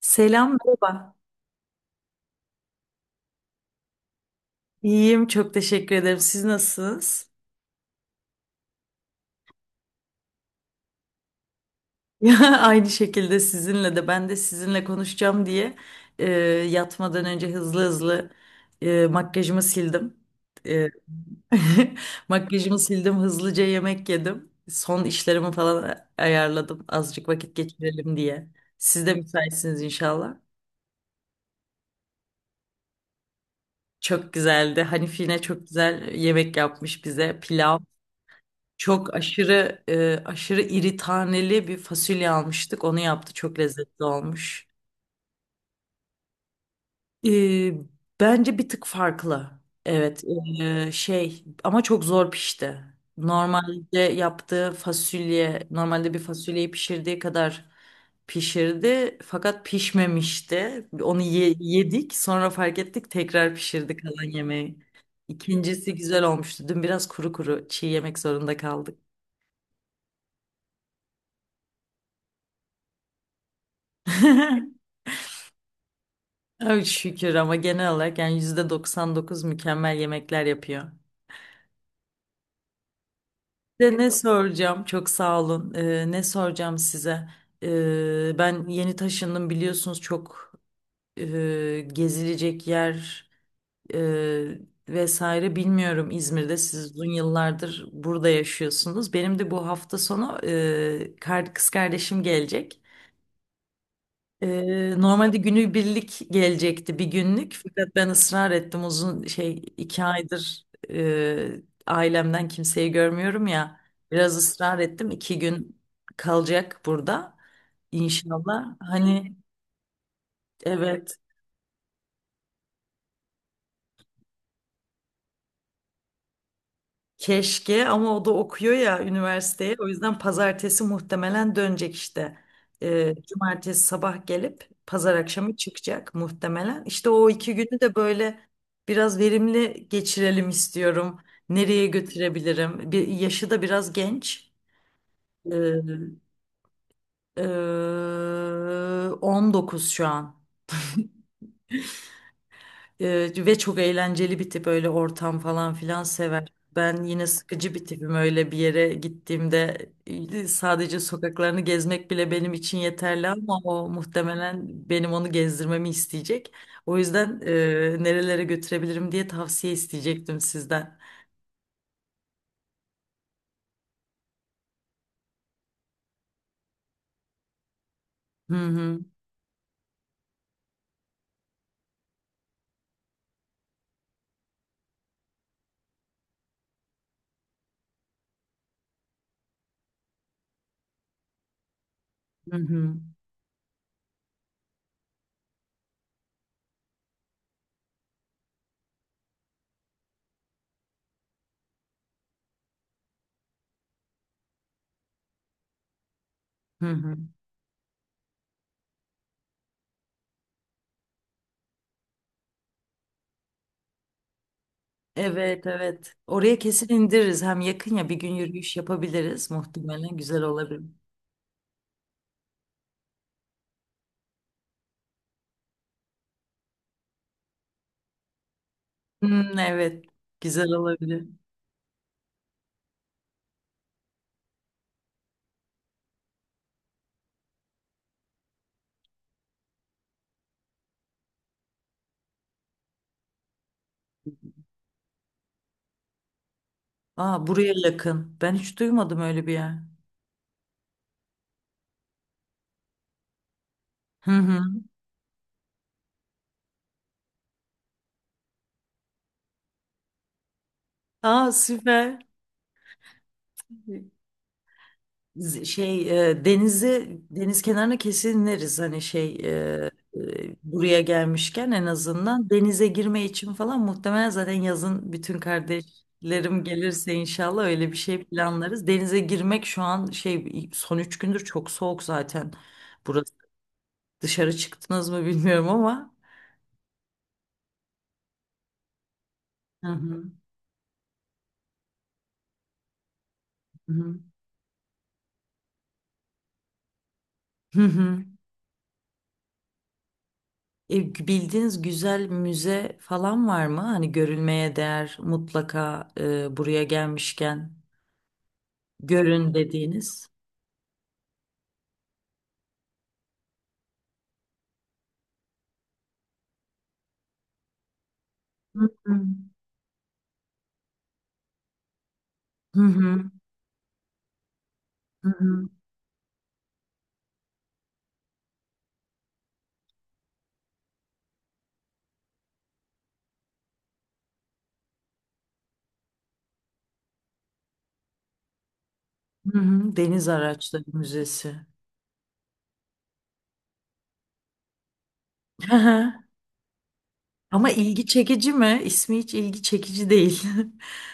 Selam, merhaba. İyiyim, çok teşekkür ederim. Siz nasılsınız? Ya, aynı şekilde sizinle de ben de sizinle konuşacağım diye e, yatmadan önce hızlı hızlı makyajımı sildim. E, Makyajımı sildim, hızlıca yemek yedim. Son işlerimi falan ayarladım azıcık vakit geçirelim diye. Siz de müsaitsiniz inşallah. Çok güzeldi. Hanif yine çok güzel yemek yapmış bize. Pilav. Çok aşırı aşırı iri taneli bir fasulye almıştık. Onu yaptı. Çok lezzetli olmuş. E, Bence bir tık farklı. Evet. Şey ama çok zor pişti. Normalde yaptığı fasulye, normalde bir fasulyeyi pişirdiği kadar pişirdi fakat pişmemişti. Onu yedik, sonra fark ettik, tekrar pişirdik kalan yemeği. İkincisi güzel olmuştu. Dün biraz kuru kuru çiğ yemek zorunda kaldık. Ay şükür ama genel olarak yani %99 mükemmel yemekler yapıyor. De ne soracağım? Çok sağ olun. Ne soracağım size? Ben yeni taşındım biliyorsunuz çok gezilecek yer e, vesaire bilmiyorum İzmir'de. Siz uzun yıllardır burada yaşıyorsunuz. Benim de bu hafta sonu kız kardeşim gelecek. Normalde günübirlik gelecekti bir günlük fakat ben ısrar ettim uzun şey 2 aydır ailemden kimseyi görmüyorum ya biraz ısrar ettim 2 gün kalacak burada inşallah hani evet. Keşke ama o da okuyor ya üniversiteye. O yüzden pazartesi muhtemelen dönecek işte. Cumartesi sabah gelip pazar akşamı çıkacak muhtemelen. İşte o 2 günü de böyle biraz verimli geçirelim istiyorum. Nereye götürebilirim? Bir, yaşı da biraz genç. Ee, e, 19 şu an. Ve çok eğlenceli bir tip öyle ortam falan filan sever. Ben yine sıkıcı bir tipim öyle bir yere gittiğimde sadece sokaklarını gezmek bile benim için yeterli ama o muhtemelen benim onu gezdirmemi isteyecek. O yüzden nerelere götürebilirim diye tavsiye isteyecektim sizden. Hı hı hı hı. Hı hı. Evet, evet. Oraya kesin indiririz. Hem yakın ya bir gün yürüyüş yapabiliriz. Muhtemelen güzel olabilir. Hmm, evet. Güzel olabilir. Aa, buraya yakın. Ben hiç duymadım öyle bir yer. Hı hı. Aa, süper. Şey denizi deniz kenarına kesin ineriz hani şey buraya gelmişken en azından denize girme için falan muhtemelen zaten yazın bütün kardeşlerim gelirse inşallah öyle bir şey planlarız. Denize girmek şu an şey son 3 gündür çok soğuk zaten. Burası dışarı çıktınız mı bilmiyorum ama. Hı hı. Hı hı. Hı hı. Bildiğiniz güzel müze falan var mı? Hani görülmeye değer mutlaka buraya gelmişken görün dediğiniz. Hı hı. Hı hı. Hı hı. Hı hı. Deniz Araçları Müzesi. Hı hı. Ama ilgi çekici mi? İsmi hiç ilgi çekici değil.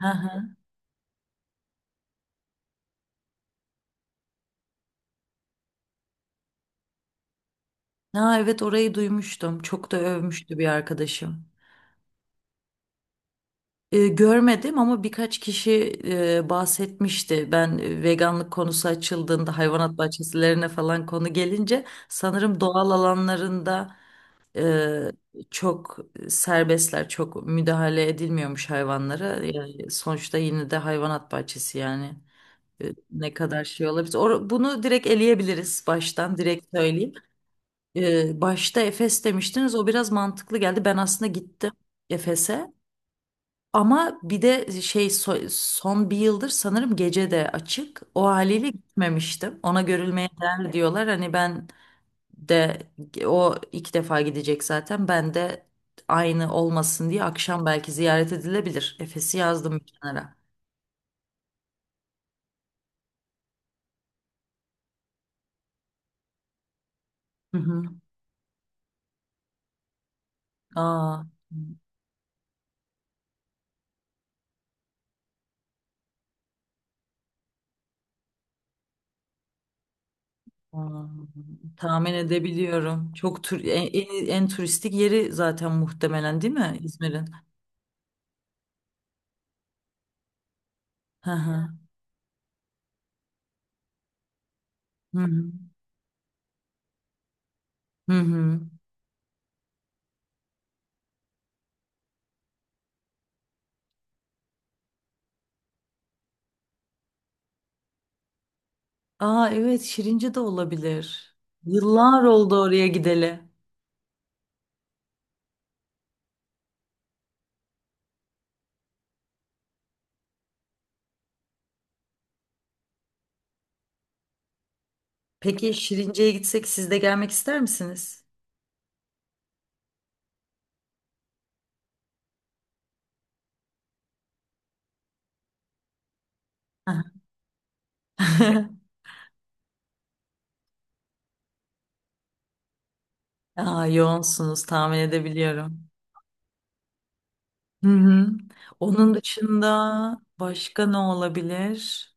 Hı hı. Ha, evet orayı duymuştum. Çok da övmüştü bir arkadaşım. Görmedim ama birkaç kişi bahsetmişti. Ben veganlık konusu açıldığında hayvanat bahçesilerine falan konu gelince sanırım doğal alanlarında e, çok serbestler, çok müdahale edilmiyormuş hayvanlara. Yani sonuçta yine de hayvanat bahçesi yani. Ne kadar şey olabilir. Bunu direkt eleyebiliriz baştan direkt söyleyeyim. Başta Efes demiştiniz o biraz mantıklı geldi. Ben aslında gittim Efes'e. Ama bir de şey son bir yıldır sanırım gece de açık. O haliyle gitmemiştim. Ona görülmeye değer diyorlar. Hani ben de o 2 defa gidecek zaten. Ben de aynı olmasın diye akşam belki ziyaret edilebilir. Efes'i yazdım bir kenara. Hı hı. Aa, aa, tahmin edebiliyorum. Çok en turistik yeri zaten muhtemelen değil mi İzmir'in? Hı hı. Hı hı. Hı hı. Aa, evet Şirince de olabilir. Yıllar oldu oraya gideli. Peki Şirince'ye gitsek siz de gelmek ister misiniz? Hah. Aa, yoğunsunuz tahmin edebiliyorum. Hı hı. Onun dışında başka ne olabilir?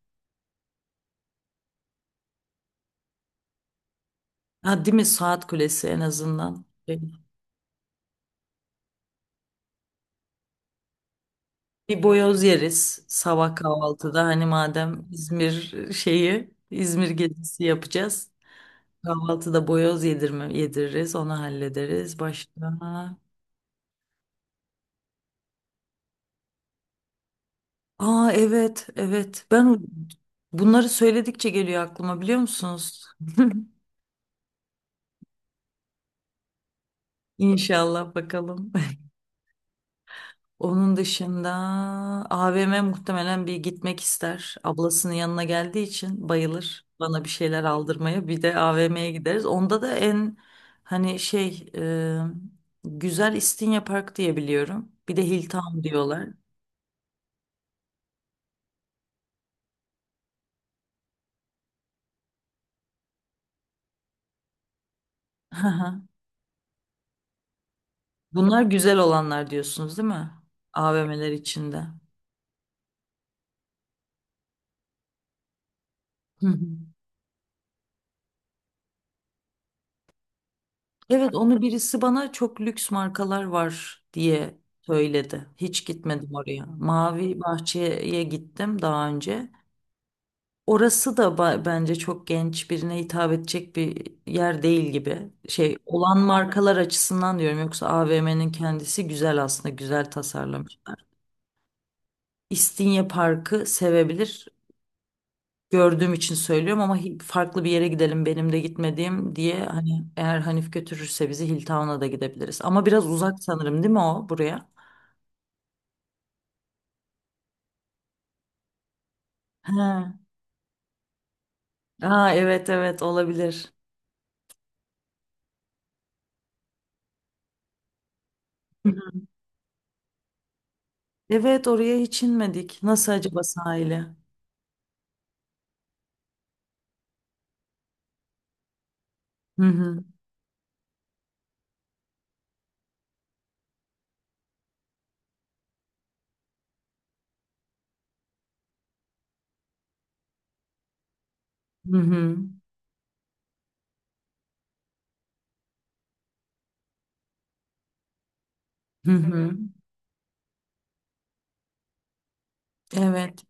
Ha, değil mi Saat Kulesi en azından. Bir boyoz yeriz sabah kahvaltıda. Hani madem İzmir şeyi İzmir gezisi yapacağız. Kahvaltıda boyoz yedirme, yediririz onu hallederiz. Başka? Aa, evet evet ben bunları söyledikçe geliyor aklıma biliyor musunuz? İnşallah bakalım. Onun dışında AVM muhtemelen bir gitmek ister. Ablasının yanına geldiği için bayılır bana bir şeyler aldırmaya. Bir de AVM'ye gideriz. Onda da en hani şey güzel İstinye Park diye biliyorum. Bir de Hilltown diyorlar. Hı hı. Bunlar güzel olanlar diyorsunuz değil mi? AVM'ler içinde. Hı hı. Evet onu birisi bana çok lüks markalar var diye söyledi. Hiç gitmedim oraya. Mavi Bahçe'ye gittim daha önce. Orası da bence çok genç birine hitap edecek bir yer değil gibi. Şey olan markalar açısından diyorum yoksa AVM'nin kendisi güzel aslında güzel tasarlamışlar. İstinye Parkı sevebilir, gördüğüm için söylüyorum ama farklı bir yere gidelim benim de gitmediğim diye hani eğer Hanif götürürse bizi Hilltown'a da gidebiliriz. Ama biraz uzak sanırım değil mi o buraya? Ha. Aa, evet evet olabilir. Hı hı. Evet oraya hiç inmedik. Nasıl acaba sahili? Hı hı. Hı hı. Hı hı. Evet.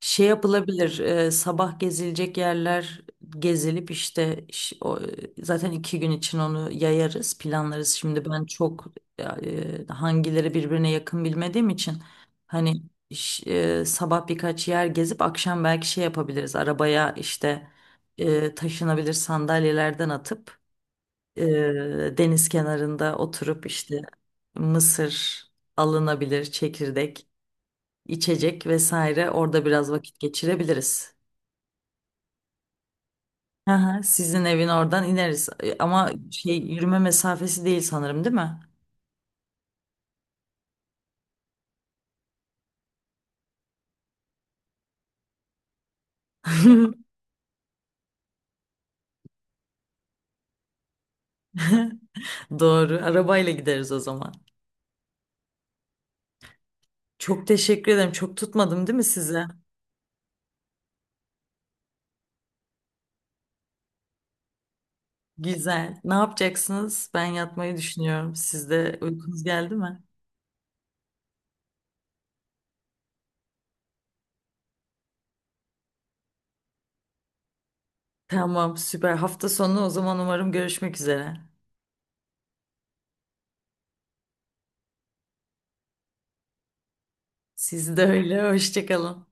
Şey yapılabilir, sabah gezilecek yerler gezilip işte zaten 2 gün için onu yayarız, planlarız. Şimdi ben çok hangileri birbirine yakın bilmediğim için hani ş- sabah birkaç yer gezip akşam belki şey yapabiliriz. Arabaya işte taşınabilir sandalyelerden atıp e, deniz kenarında oturup işte mısır alınabilir, çekirdek içecek vesaire orada biraz vakit geçirebiliriz. Hı hı, sizin evin oradan ineriz, ama şey yürüme mesafesi değil sanırım değil mi? Doğru. Arabayla gideriz o zaman. Çok teşekkür ederim. Çok tutmadım değil mi size? Güzel. Ne yapacaksınız? Ben yatmayı düşünüyorum. Sizde uykunuz geldi mi? Tamam, süper. Hafta sonu o zaman umarım görüşmek üzere. Siz de öyle. Hoşça kalın.